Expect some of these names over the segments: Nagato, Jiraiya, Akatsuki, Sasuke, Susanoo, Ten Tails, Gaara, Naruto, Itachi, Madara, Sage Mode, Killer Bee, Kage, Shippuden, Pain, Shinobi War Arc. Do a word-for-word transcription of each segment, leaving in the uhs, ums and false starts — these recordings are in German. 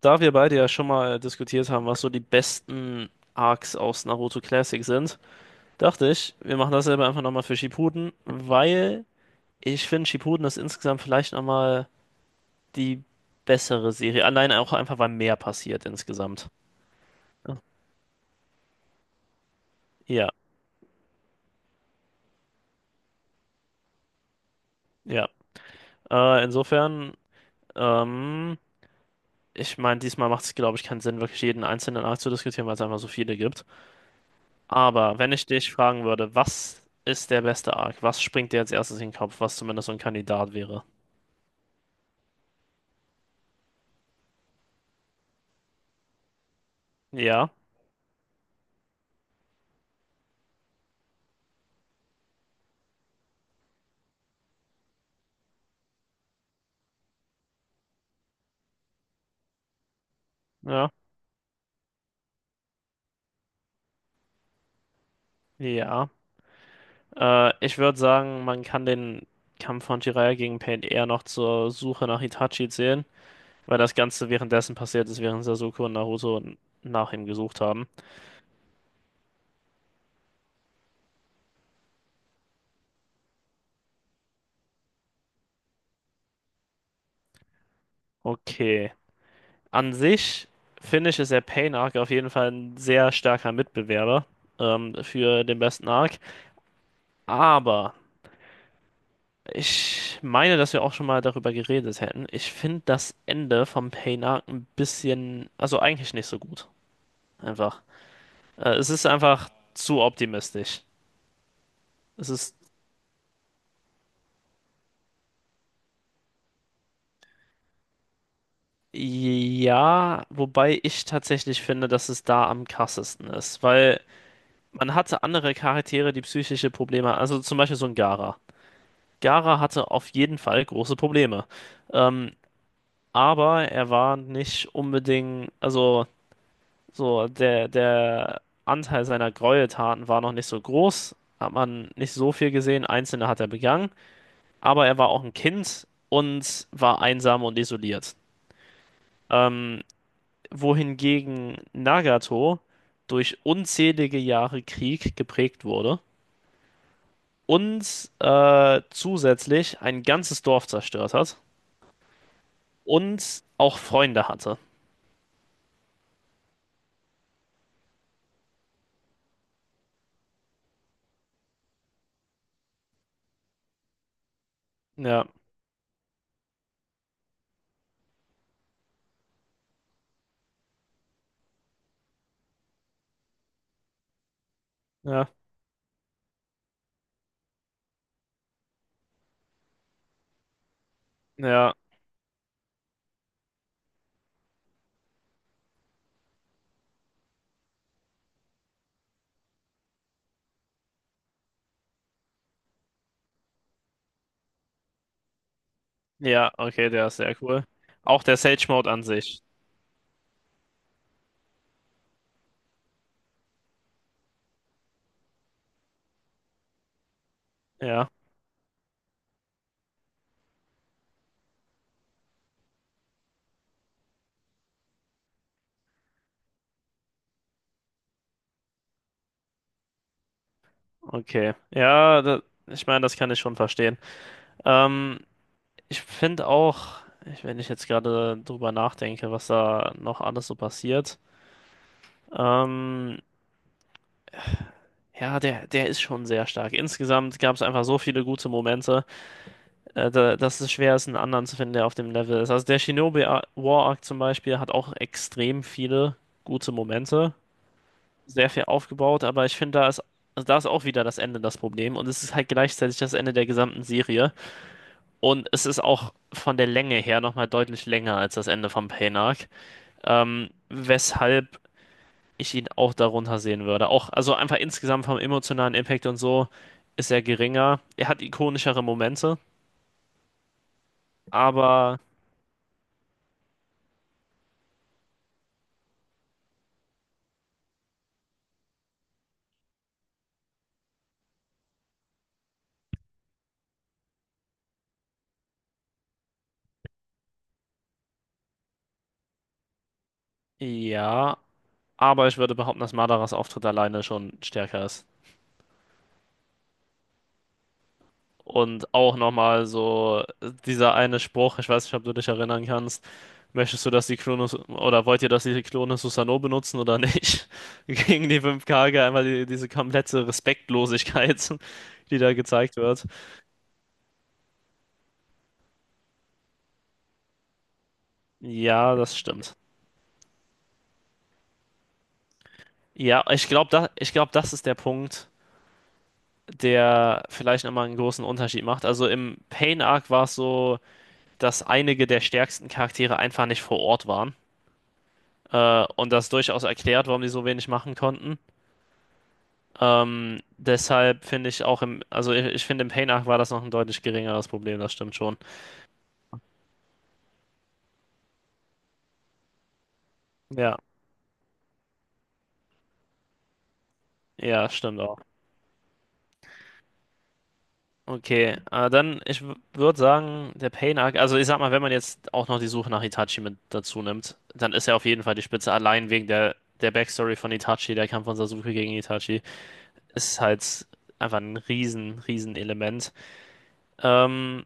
Da wir beide ja schon mal diskutiert haben, was so die besten Arcs aus Naruto Classic sind, dachte ich, wir machen dasselbe einfach nochmal für Shippuden, weil ich finde, Shippuden ist insgesamt vielleicht nochmal die bessere Serie. Allein auch einfach, weil mehr passiert insgesamt. Ja, ja. Äh, insofern, ähm, ich meine, diesmal macht es, glaube ich, keinen Sinn, wirklich jeden einzelnen Arc zu diskutieren, weil es einfach so viele gibt. Aber wenn ich dich fragen würde, was ist der beste Arc? Was springt dir als erstes in den Kopf, was zumindest so ein Kandidat wäre? Ja, ja, ja. Äh, ich würde sagen, man kann den Kampf von Jiraiya gegen Pain eher noch zur Suche nach Itachi zählen, weil das Ganze währenddessen passiert ist, während Sasuke und Naruto nach ihm gesucht haben. Okay. An sich finde ich, ist der Pain Arc auf jeden Fall ein sehr starker Mitbewerber ähm, für den besten Arc. Aber. Ich meine, dass wir auch schon mal darüber geredet hätten. Ich finde das Ende vom Pain Arc ein bisschen, also eigentlich nicht so gut. Einfach. Äh, es ist einfach zu optimistisch. Es ist, ja, wobei ich tatsächlich finde, dass es da am krassesten ist, weil man hatte andere Charaktere, die psychische Probleme, also zum Beispiel so ein Gaara. Gaara hatte auf jeden Fall große Probleme. Ähm, aber er war nicht unbedingt, also. So, der, der Anteil seiner Gräueltaten war noch nicht so groß, hat man nicht so viel gesehen, einzelne hat er begangen, aber er war auch ein Kind und war einsam und isoliert. Ähm, wohingegen Nagato durch unzählige Jahre Krieg geprägt wurde und äh, zusätzlich ein ganzes Dorf zerstört hat und auch Freunde hatte. Ja, ja, ja, ja, okay, der ist sehr cool. Auch der Sage Mode an sich. Ja. Okay, ja, da, ich meine, das kann ich schon verstehen. Ähm, ich finde auch, ich- wenn ich jetzt gerade drüber nachdenke, was da noch alles so passiert, ähm, ja, der, der ist schon sehr stark. Insgesamt gab es einfach so viele gute Momente, äh, da, dass es schwer ist, einen anderen zu finden, der auf dem Level ist. Also der Shinobi Ar- War Arc zum Beispiel hat auch extrem viele gute Momente, sehr viel aufgebaut, aber ich finde, da ist, also da ist auch wieder das Ende das Problem und es ist halt gleichzeitig das Ende der gesamten Serie. Und es ist auch von der Länge her nochmal deutlich länger als das Ende von Pain Arc. Ähm, weshalb ich ihn auch darunter sehen würde. Auch, also einfach insgesamt vom emotionalen Impact und so ist er geringer. Er hat ikonischere Momente, aber ja, aber ich würde behaupten, dass Madaras Auftritt alleine schon stärker ist. Und auch nochmal so dieser eine Spruch, ich weiß nicht, ob du dich erinnern kannst. Möchtest du, dass die Klone oder wollt ihr, dass die Klone Susanoo benutzen oder nicht? Gegen die fünf Kage einmal die, diese komplette Respektlosigkeit, die da gezeigt wird. Ja, das stimmt. Ja, ich glaube, da, ich glaub, das ist der Punkt, der vielleicht nochmal einen großen Unterschied macht. Also im Pain Arc war es so, dass einige der stärksten Charaktere einfach nicht vor Ort waren. Äh, und das durchaus erklärt, warum die so wenig machen konnten. Ähm, deshalb finde ich auch im, also ich, ich finde im Pain-Arc war das noch ein deutlich geringeres Problem, das stimmt schon. Ja, ja, stimmt auch. Okay, äh, dann, ich würde sagen, der Pain-Arc, also ich sag mal, wenn man jetzt auch noch die Suche nach Itachi mit dazu nimmt, dann ist er auf jeden Fall die Spitze, allein wegen der, der Backstory von Itachi, der Kampf von Sasuke gegen Itachi, ist halt einfach ein riesen, riesen Element. Ähm,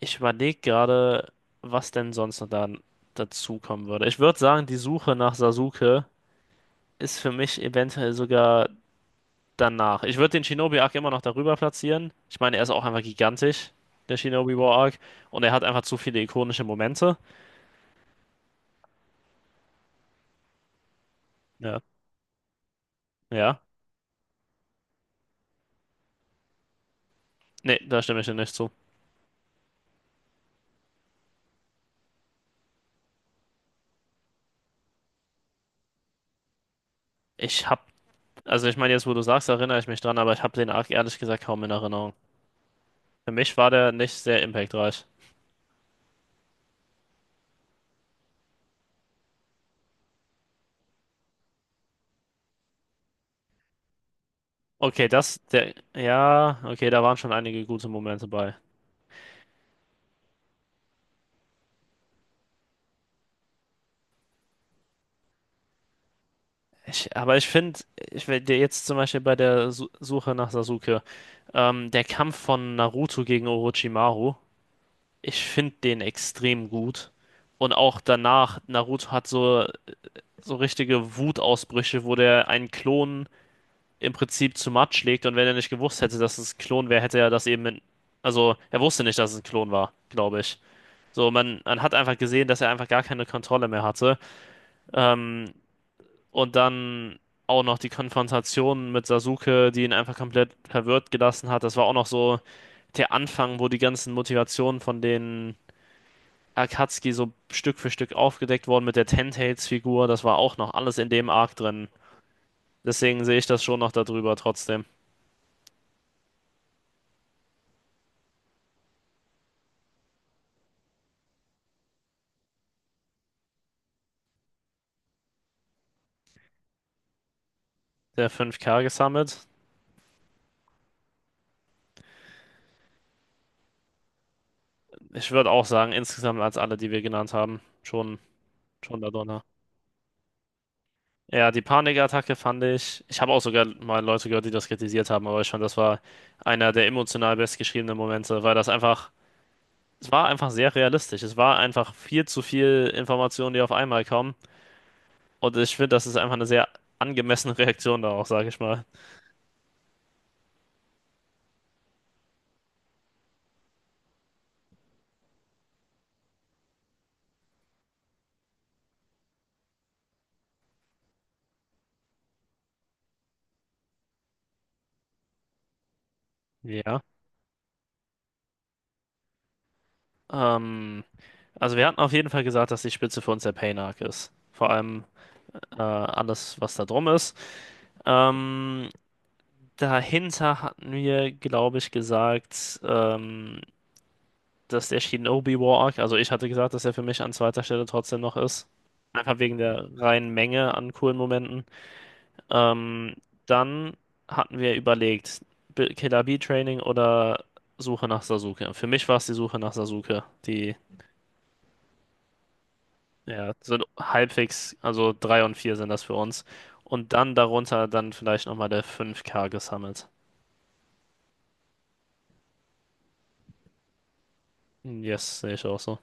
ich überlege gerade, was denn sonst noch da dazu kommen würde. Ich würde sagen, die Suche nach Sasuke ist für mich eventuell sogar danach. Ich würde den Shinobi Arc immer noch darüber platzieren. Ich meine, er ist auch einfach gigantisch, der Shinobi War Arc. Und er hat einfach zu viele ikonische Momente. Ja. Ja. Nee, da stimme ich dir nicht zu. Ich hab, also ich meine, jetzt wo du sagst, erinnere ich mich dran, aber ich habe den Arc ehrlich gesagt kaum in Erinnerung. Für mich war der nicht sehr impactreich. Okay, das, der, ja, okay, da waren schon einige gute Momente bei. Ich, aber ich finde, ich will dir jetzt zum Beispiel bei der Su Suche nach Sasuke, ähm, der Kampf von Naruto gegen Orochimaru, ich finde den extrem gut. Und auch danach, Naruto hat so, so richtige Wutausbrüche, wo der einen Klon im Prinzip zu Matsch legt. Und wenn er nicht gewusst hätte, dass es ein Klon wäre, hätte er das eben in, also er wusste nicht, dass es ein Klon war, glaube ich. So, man, man hat einfach gesehen, dass er einfach gar keine Kontrolle mehr hatte. Ähm, und dann auch noch die Konfrontation mit Sasuke, die ihn einfach komplett verwirrt gelassen hat. Das war auch noch so der Anfang, wo die ganzen Motivationen von den Akatsuki so Stück für Stück aufgedeckt wurden mit der Ten Tails Figur. Das war auch noch alles in dem Arc drin. Deswegen sehe ich das schon noch darüber trotzdem. Der fünf k gesammelt. Ich würde auch sagen, insgesamt als alle, die wir genannt haben, schon, schon darunter. Ja, die Panikattacke fand ich. Ich habe auch sogar mal Leute gehört, die das kritisiert haben, aber ich fand, das war einer der emotional bestgeschriebenen Momente, weil das einfach, es war einfach sehr realistisch. Es war einfach viel zu viel Informationen, die auf einmal kommen. Und ich finde, das ist einfach eine sehr angemessene Reaktion darauf, sage ich mal. Ja. Ähm, also wir hatten auf jeden Fall gesagt, dass die Spitze für uns der Pain-Arc ist. Vor allem äh, alles, was da drum ist. Ähm, dahinter hatten wir, glaube ich, gesagt, ähm, dass der Shinobi War Arc, also ich hatte gesagt, dass er für mich an zweiter Stelle trotzdem noch ist. Einfach wegen der reinen Menge an coolen Momenten. Ähm, dann hatten wir überlegt, B- Killer Bee Training oder Suche nach Sasuke. Für mich war es die Suche nach Sasuke. Die ja, sind halbwegs, also drei und vier sind das für uns. Und dann darunter dann vielleicht nochmal der fünf k gesammelt. Hm, Yes, sehe ich auch so.